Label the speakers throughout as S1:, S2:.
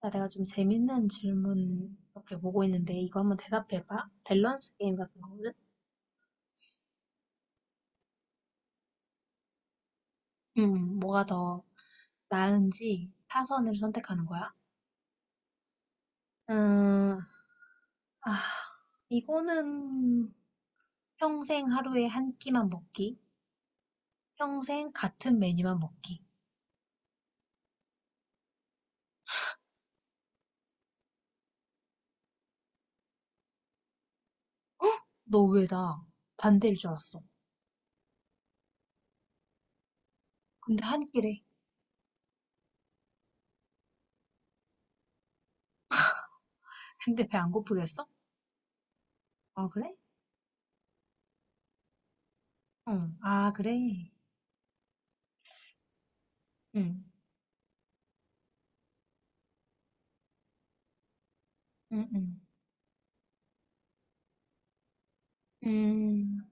S1: 나 내가 좀 재밌는 질문 이렇게 보고 있는데 이거 한번 대답해봐. 밸런스 게임 같은 거거든? 뭐가 더 나은지 타선을 선택하는 거야? 음, 아, 이거는 평생 하루에 한 끼만 먹기, 평생 같은 메뉴만 먹기. 너 왜 나 반대일 줄 알았어? 근데 한 끼래. 근데 배 안 고프겠어? 아, 그래? 응, 아, 그래. 응, 응, 응. 음,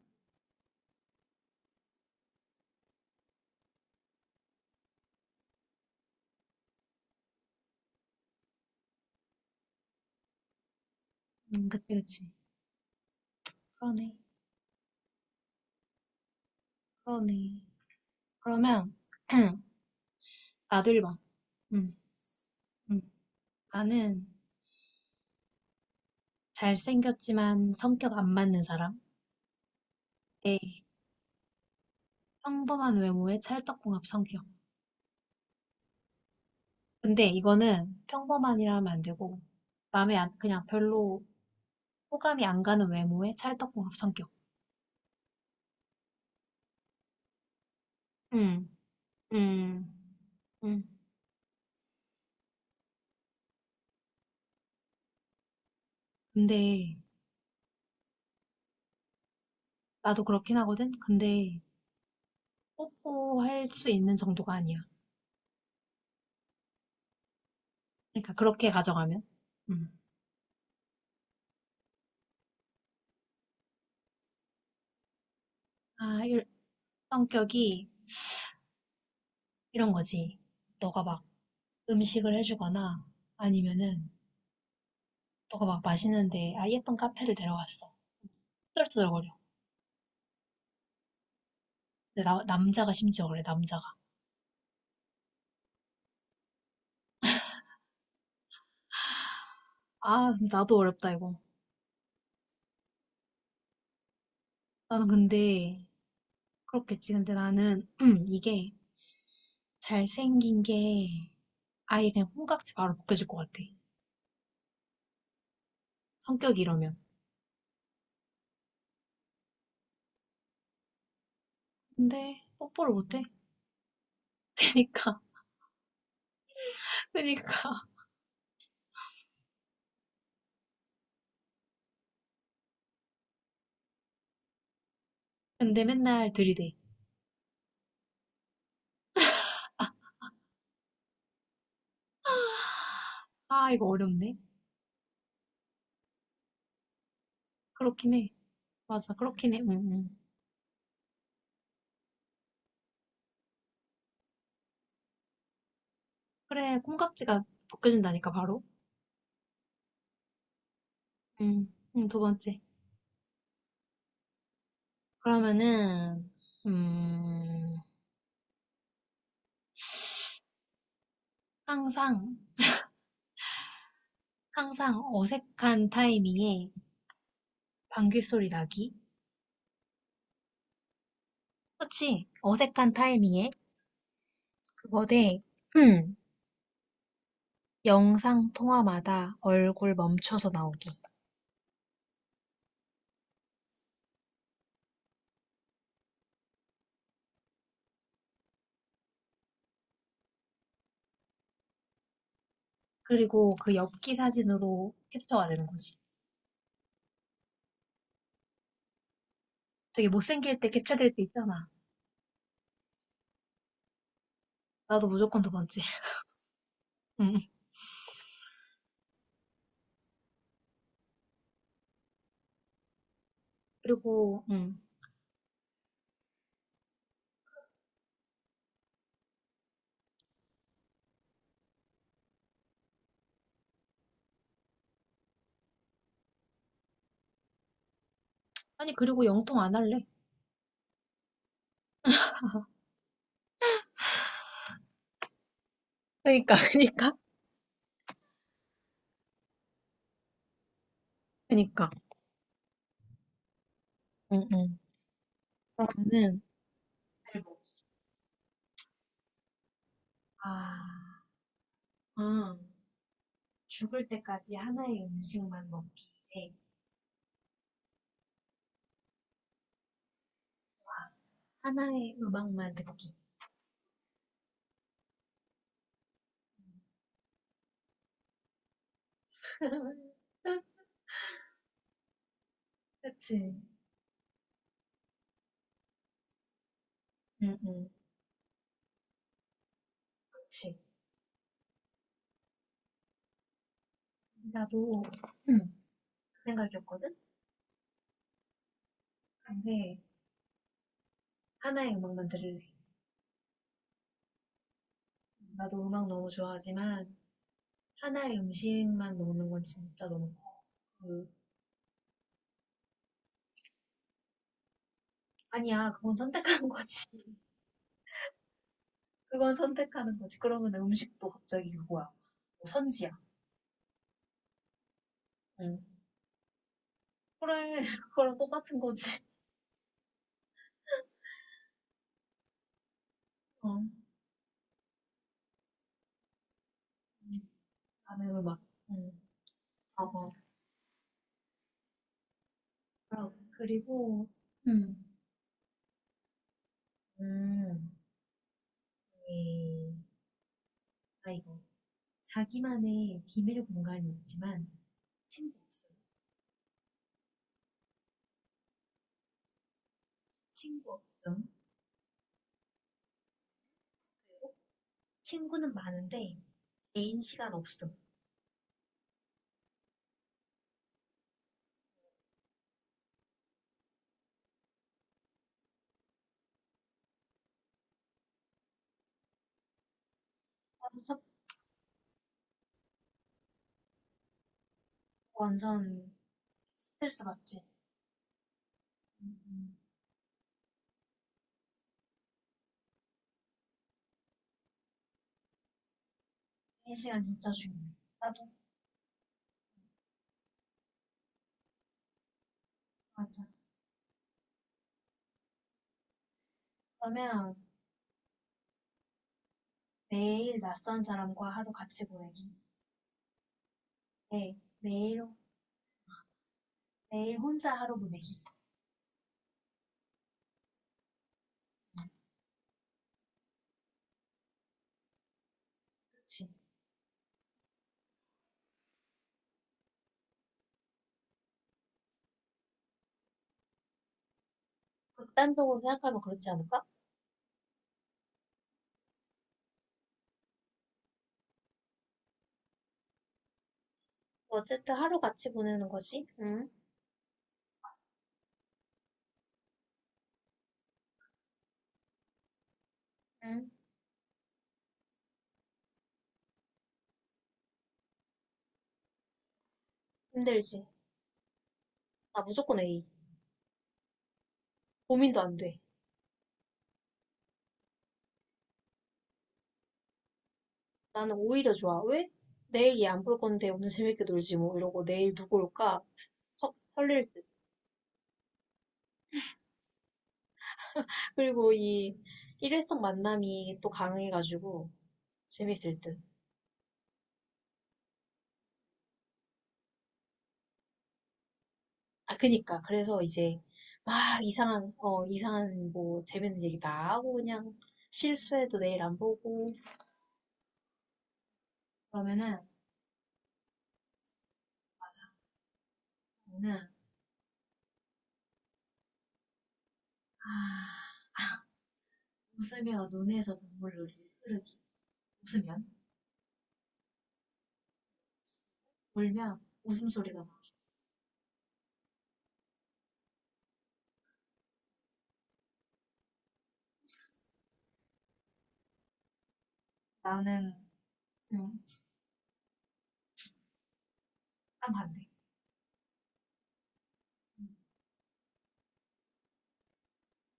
S1: 그치, 그치. 그러네, 그러네. 그러면 나도 1번. 음, 음. 나는 잘생겼지만 성격 안 맞는 사람. 네. 평범한 외모에 찰떡궁합 성격. 근데 이거는 평범한이라 하면 안 되고 마음에 안, 그냥 별로 호감이 안 가는 외모에 찰떡궁합 성격. 음, 음, 음. 근데 나도 그렇긴 하거든. 근데 뽀뽀할 수 있는 정도가 아니야. 그러니까 그렇게 가져가면. 음. 아, 성격이 이런 거지. 너가 막 음식을 해주거나 아니면은 너가 막 맛있는데 아 예쁜 카페를 데려갔어 투덜투덜거려 근데 남자가 심지어 그래 남자가 아 나도 어렵다 이거 나는 근데 그렇겠지 근데 나는 이게 잘생긴 게 아예 그냥 콩깍지 바로 벗겨질 것 같아 성격이 이러면 근데 뽀뽀를 못해 그니까 그니까 근데 맨날 들이대 아 이거 어렵네 그렇긴 해 맞아 그렇긴 해 응, 응. 그래 콩깍지가 벗겨진다니까 바로 두 번째. 그러면은, 음, 항상, 항상 어색한 타이밍에 방귀소리 나기? 그렇지. 어색한 타이밍에 그거 대, 음, 영상 통화마다 얼굴 멈춰서 나오기. 그리고 그 엽기 사진으로 캡처가 되는 거지. 되게 못생길 때 캡처될 때 있잖아. 나도 무조건 두 번째. 음. 그리고, 아니, 그리고 영통 안 할래. 그니까, 그니까. 그니까. 응, 응. 그러면은, 아, 음, 죽을 때까지 하나의 음식만 먹기 대와 하나의 음악만 듣기. 그치. 응, 응, 그치. 나도 응. 그 생각이었거든? 근데 하나의 음악만 들을래. 나도 음악 너무 좋아하지만 하나의 음식만 먹는 건 진짜 너무 커. 그, 아니야, 그건 선택하는 거지. 그건 선택하는 거지. 그러면 음식도 갑자기 그거야. 뭐 선지야. 응. 그래, 그거랑 똑같은 거지. 어. 음. 밤에 막 음. 봐봐. 그리고 음. 음. 이 아이고 자기만의 비밀 공간이 있지만 친구 없음. 친구 없음. 친구는 많은데 개인 시간 없음. 나도 첫 완전 스트레스 받지. 음. 인 시간 진짜 중요해. 나도 맞아. 그러면 매일 낯선 사람과 하루 같이 보내기. 네, 매일 매일 혼자 하루 보내기. 그렇지. 극단적으로 생각하면 그렇지 않을까? 어쨌든 하루 같이 보내는 거지. 응? 응? 힘들지. 나 무조건 A. 고민도 안 돼. 나는 오히려 좋아. 왜? 내일 얘 안 볼 건데 오늘 재밌게 놀지 뭐 이러고 내일 누구 올까? 설릴 듯. 그리고 이 일회성 만남이 또 강해가지고 재밌을 듯. 아, 그니까. 그래서 이제 막 이상한, 어, 이상한 뭐 재밌는 얘기 다 하고 그냥 실수해도 내일 안 보고 그러면은 맞아. 나는 아, 웃으며 눈에서 눈물이 흐르기. 웃으면, 울면 웃음소리가 나와. 나는 음, 딱 반대. 응.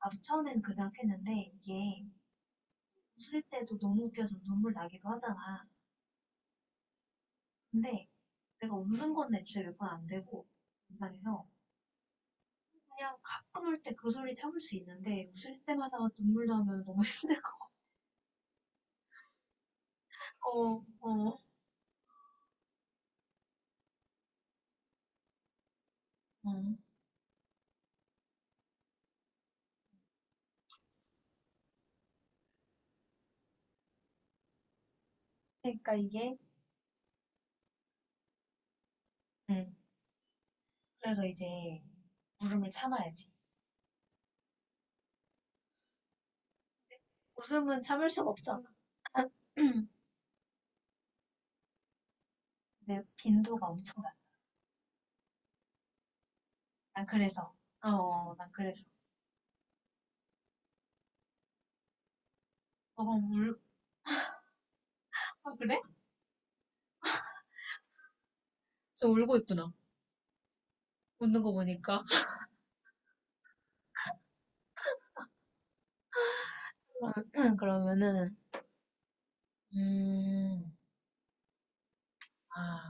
S1: 나도 처음엔 그 생각했는데 이게 웃을 때도 너무 웃겨서 눈물 나기도 하잖아. 근데 내가 웃는 건 애초에 몇 번 안 되고 이상해서 그냥 가끔 울 때 그 소리 참을 수 있는데 웃을 때마다 눈물 나면 너무 힘들 것 같아. 어, 어, 응. 그러니까 이게 응. 그래서 이제 울음을 참아야지. 웃음은 참을 수가 없잖아. 내 빈도가 엄청나. 난 그래서. 어, 난 그래서. 어, 울, 아, 그래? 저 울고 있구나. 웃는 거 보니까. 그러면은 음, 아,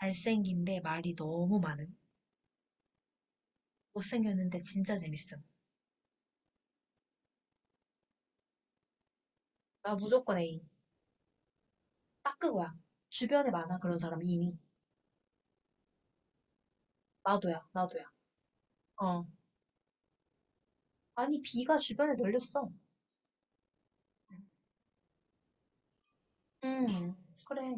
S1: 잘생긴데 말이 너무 많음. 못생겼는데 진짜 재밌음. 나 무조건 A. 딱 그거야. 주변에 많아 그런 사람 이미. 나도야, 나도야. 어. 아니 B가 주변에 널렸어. 음, 그래.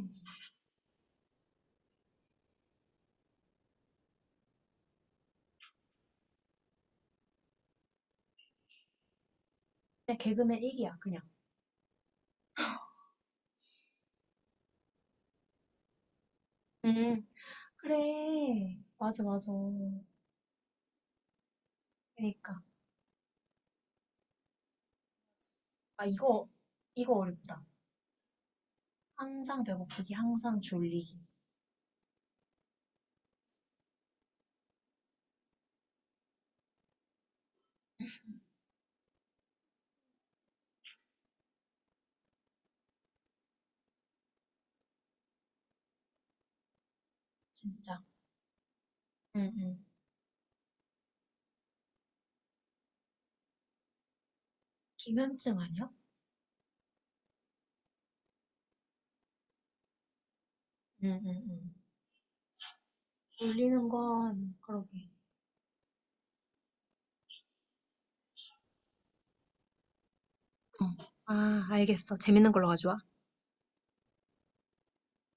S1: 그냥 개그맨 1이야 그냥. 음. 그래. 맞아, 맞아. 그러니까. 아 이거 이거 어렵다. 항상 배고프기, 항상 졸리기. 진짜. 응, 응. 기면증 아니야? 응, 응, 응. 졸리는 건 그러게. 어. 아, 알겠어. 재밌는 걸로 가져와.